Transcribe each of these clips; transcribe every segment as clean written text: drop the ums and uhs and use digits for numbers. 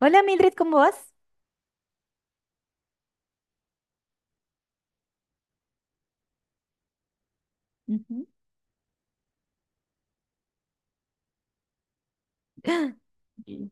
Hola Mildred, ¿cómo vas? Ujú. Y-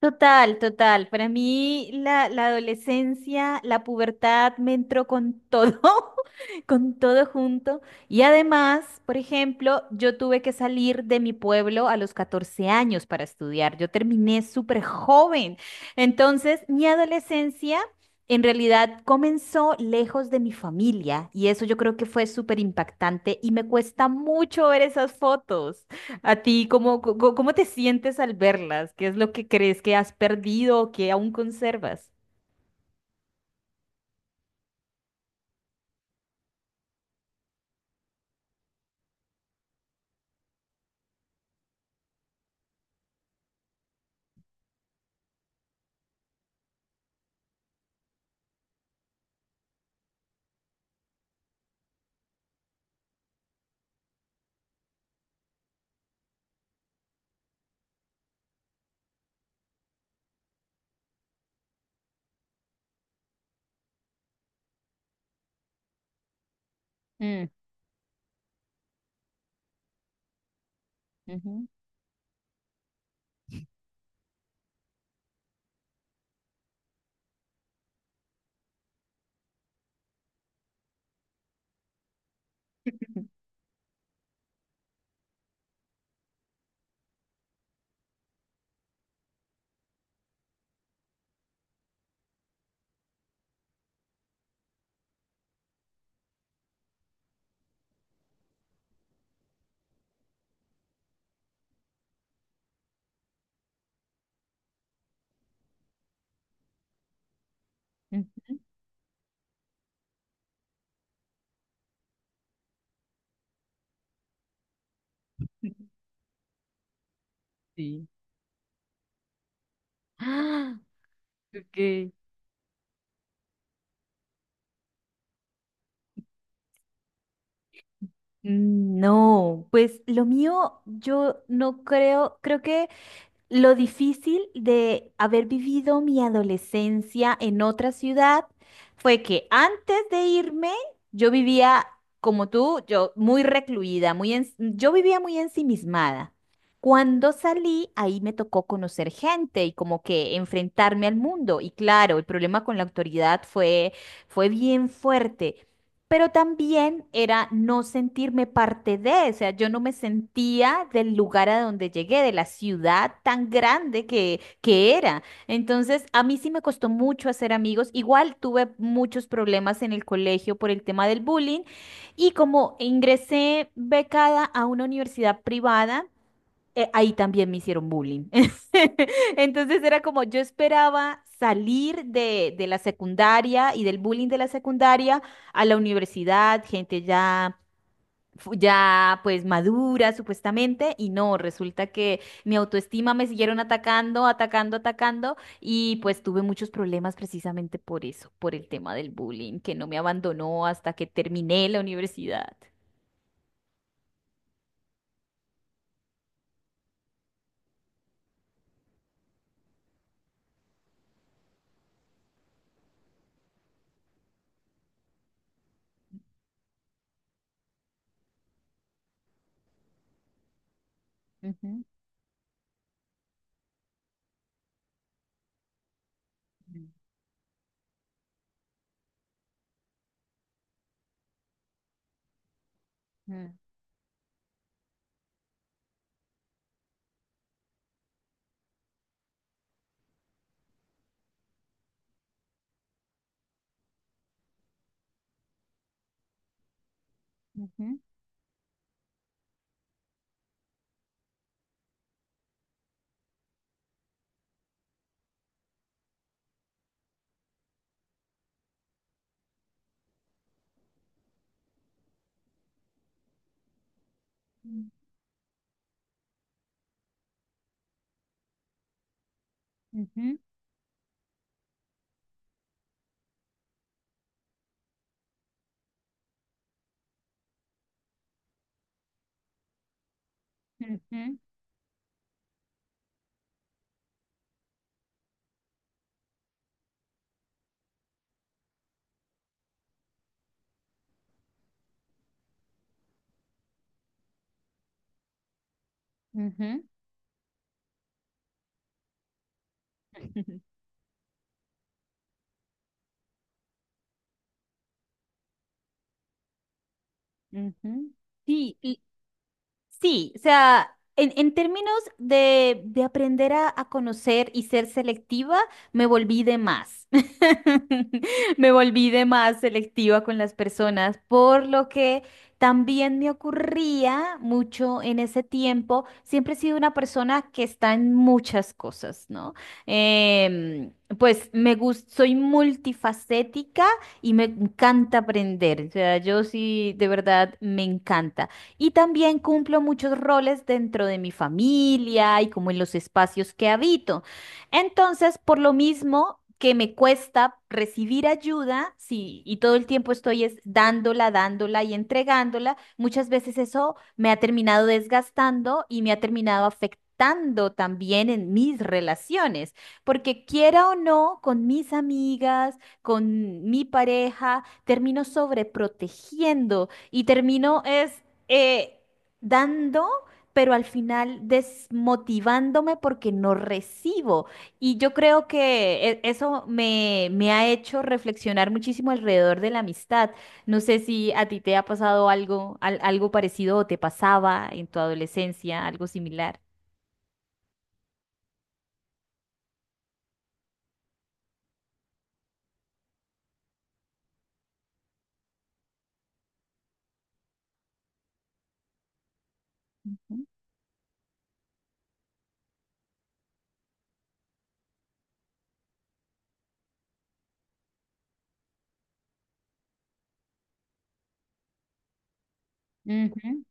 Total, total. Para mí la adolescencia, la pubertad me entró con todo, con todo junto. Y además, por ejemplo, yo tuve que salir de mi pueblo a los 14 años para estudiar. Yo terminé súper joven. Entonces, mi adolescencia en realidad comenzó lejos de mi familia y eso yo creo que fue súper impactante y me cuesta mucho ver esas fotos. A ti, ¿cómo te sientes al verlas? ¿Qué es lo que crees que has perdido o que aún conservas? Mm, ujú, ujú. Sí. Ah, ok. Mm, no, pues lo mío yo no creo, creo que lo difícil de haber vivido mi adolescencia en otra ciudad fue que antes de irme, yo vivía como tú, yo muy recluida, muy yo vivía muy ensimismada. Cuando salí, ahí me tocó conocer gente y como que enfrentarme al mundo. Y claro, el problema con la autoridad fue, fue bien fuerte pero también era no sentirme parte de, o sea, yo no me sentía del lugar a donde llegué, de la ciudad tan grande que era. Entonces, a mí sí me costó mucho hacer amigos. Igual tuve muchos problemas en el colegio por el tema del bullying y como ingresé becada a una universidad privada, ahí también me hicieron bullying. Entonces era como yo esperaba salir de la secundaria y del bullying de la secundaria a la universidad, gente ya, ya pues madura supuestamente, y no, resulta que mi autoestima me siguieron atacando, atacando, atacando, y pues tuve muchos problemas precisamente por eso, por el tema del bullying, que no me abandonó hasta que terminé la universidad. Ujú, ujú, ujú, ujú. Ujú, ujú, ujú. Sí, y, sí, o sea, en términos de aprender a conocer y ser selectiva, me volví de más. Me volví de más selectiva con las personas, por lo que también me ocurría mucho en ese tiempo. Siempre he sido una persona que está en muchas cosas, ¿no? Em, pues me gusta, soy multifacética y me encanta aprender. O sea, yo sí, de verdad, me encanta. Y también cumplo muchos roles dentro de mi familia y como en los espacios que habito. Entonces, por lo mismo que me cuesta recibir ayuda, sí, y todo el tiempo estoy es dándola, dándola y entregándola, muchas veces eso me ha terminado desgastando y me ha terminado afectando también en mis relaciones, porque quiera o no, con mis amigas, con mi pareja, termino sobreprotegiendo y termino es, eh, dando, pero al final desmotivándome porque no recibo. Y yo creo que eso me ha hecho reflexionar muchísimo alrededor de la amistad. No sé si a ti te ha pasado algo, algo parecido o te pasaba en tu adolescencia, algo similar. Ujú, ujú,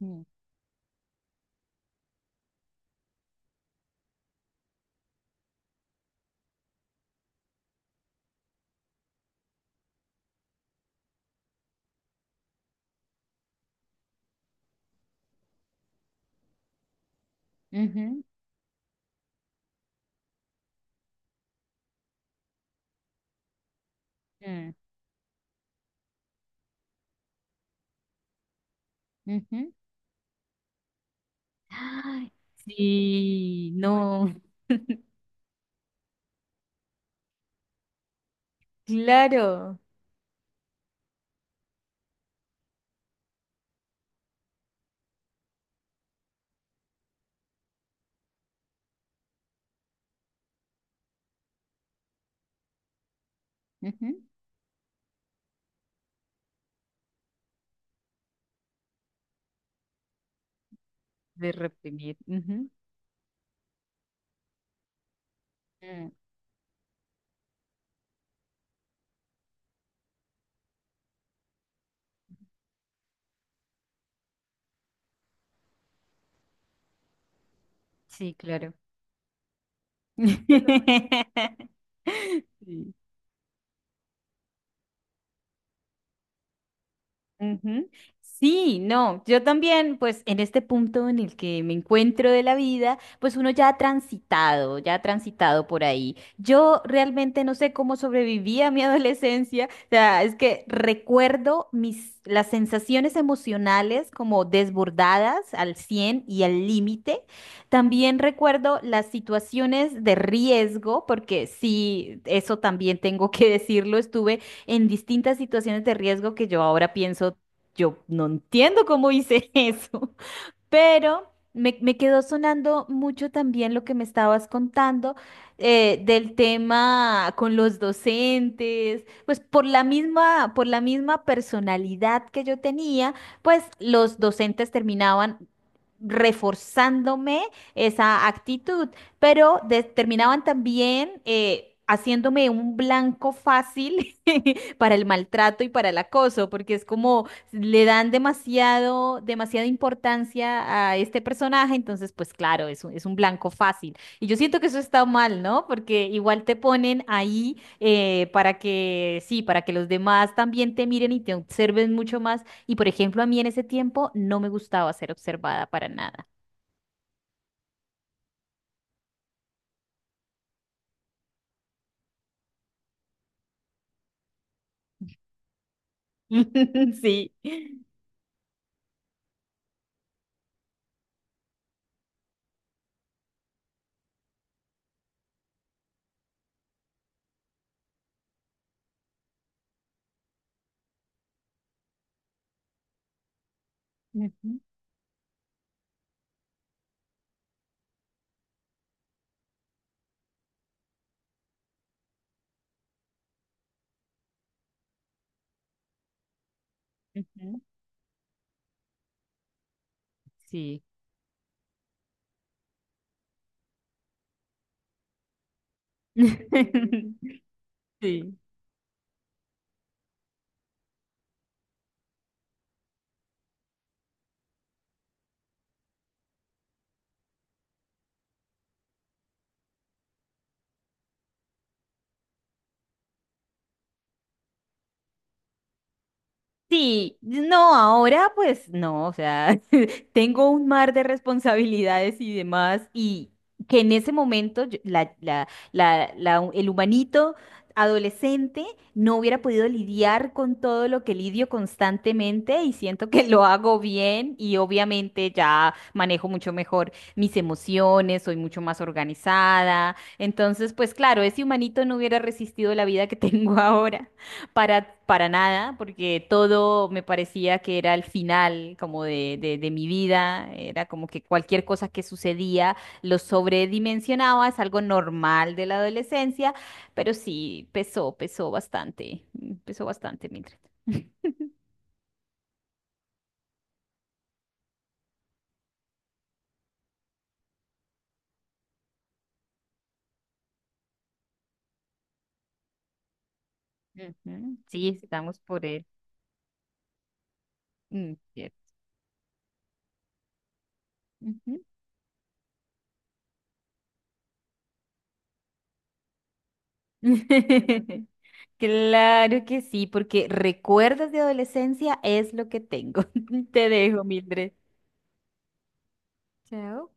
mm, ujú, mm, ujú, ay, sí, no. Claro. Ujú. De reprimir. Ujú. Mm, sí, claro. Sí. Ujú. Sí, no, yo también, pues en este punto en el que me encuentro de la vida, pues uno ya ha transitado por ahí. Yo realmente no sé cómo sobreviví a mi adolescencia, o sea, es que recuerdo mis, las sensaciones emocionales como desbordadas al 100 y al límite. También recuerdo las situaciones de riesgo, porque sí, eso también tengo que decirlo, estuve en distintas situaciones de riesgo que yo ahora pienso, yo no entiendo cómo hice eso. Pero me quedó sonando mucho también lo que me estabas contando, del tema con los docentes, pues por la misma personalidad que yo tenía, pues los docentes terminaban reforzándome esa actitud, pero terminaban también, haciéndome un blanco fácil para el maltrato y para el acoso, porque es como le dan demasiado, demasiada importancia a este personaje, entonces pues claro, es un blanco fácil. Y yo siento que eso está mal, ¿no? Porque igual te ponen ahí, para que, sí, para que los demás también te miren y te observen mucho más. Y por ejemplo, a mí en ese tiempo no me gustaba ser observada para nada. Sí. Ujú, ujú. Sí. Sí. Sí, no, ahora pues no, o sea, tengo un mar de responsabilidades y demás, y que en ese momento el humanito adolescente no hubiera podido lidiar con todo lo que lidio constantemente y siento que lo hago bien y obviamente ya manejo mucho mejor mis emociones, soy mucho más organizada, entonces pues claro, ese humanito no hubiera resistido la vida que tengo ahora para nada, porque todo me parecía que era el final como de mi vida, era como que cualquier cosa que sucedía lo sobredimensionaba, es algo normal de la adolescencia, pero sí, pesó, pesó bastante, pesó bastante, Mildred. Ujú, sí, estamos por él. Mm, cierto. Ujú. Claro que sí, porque recuerdos de adolescencia es lo que tengo. Te dejo, Mildred. Chao.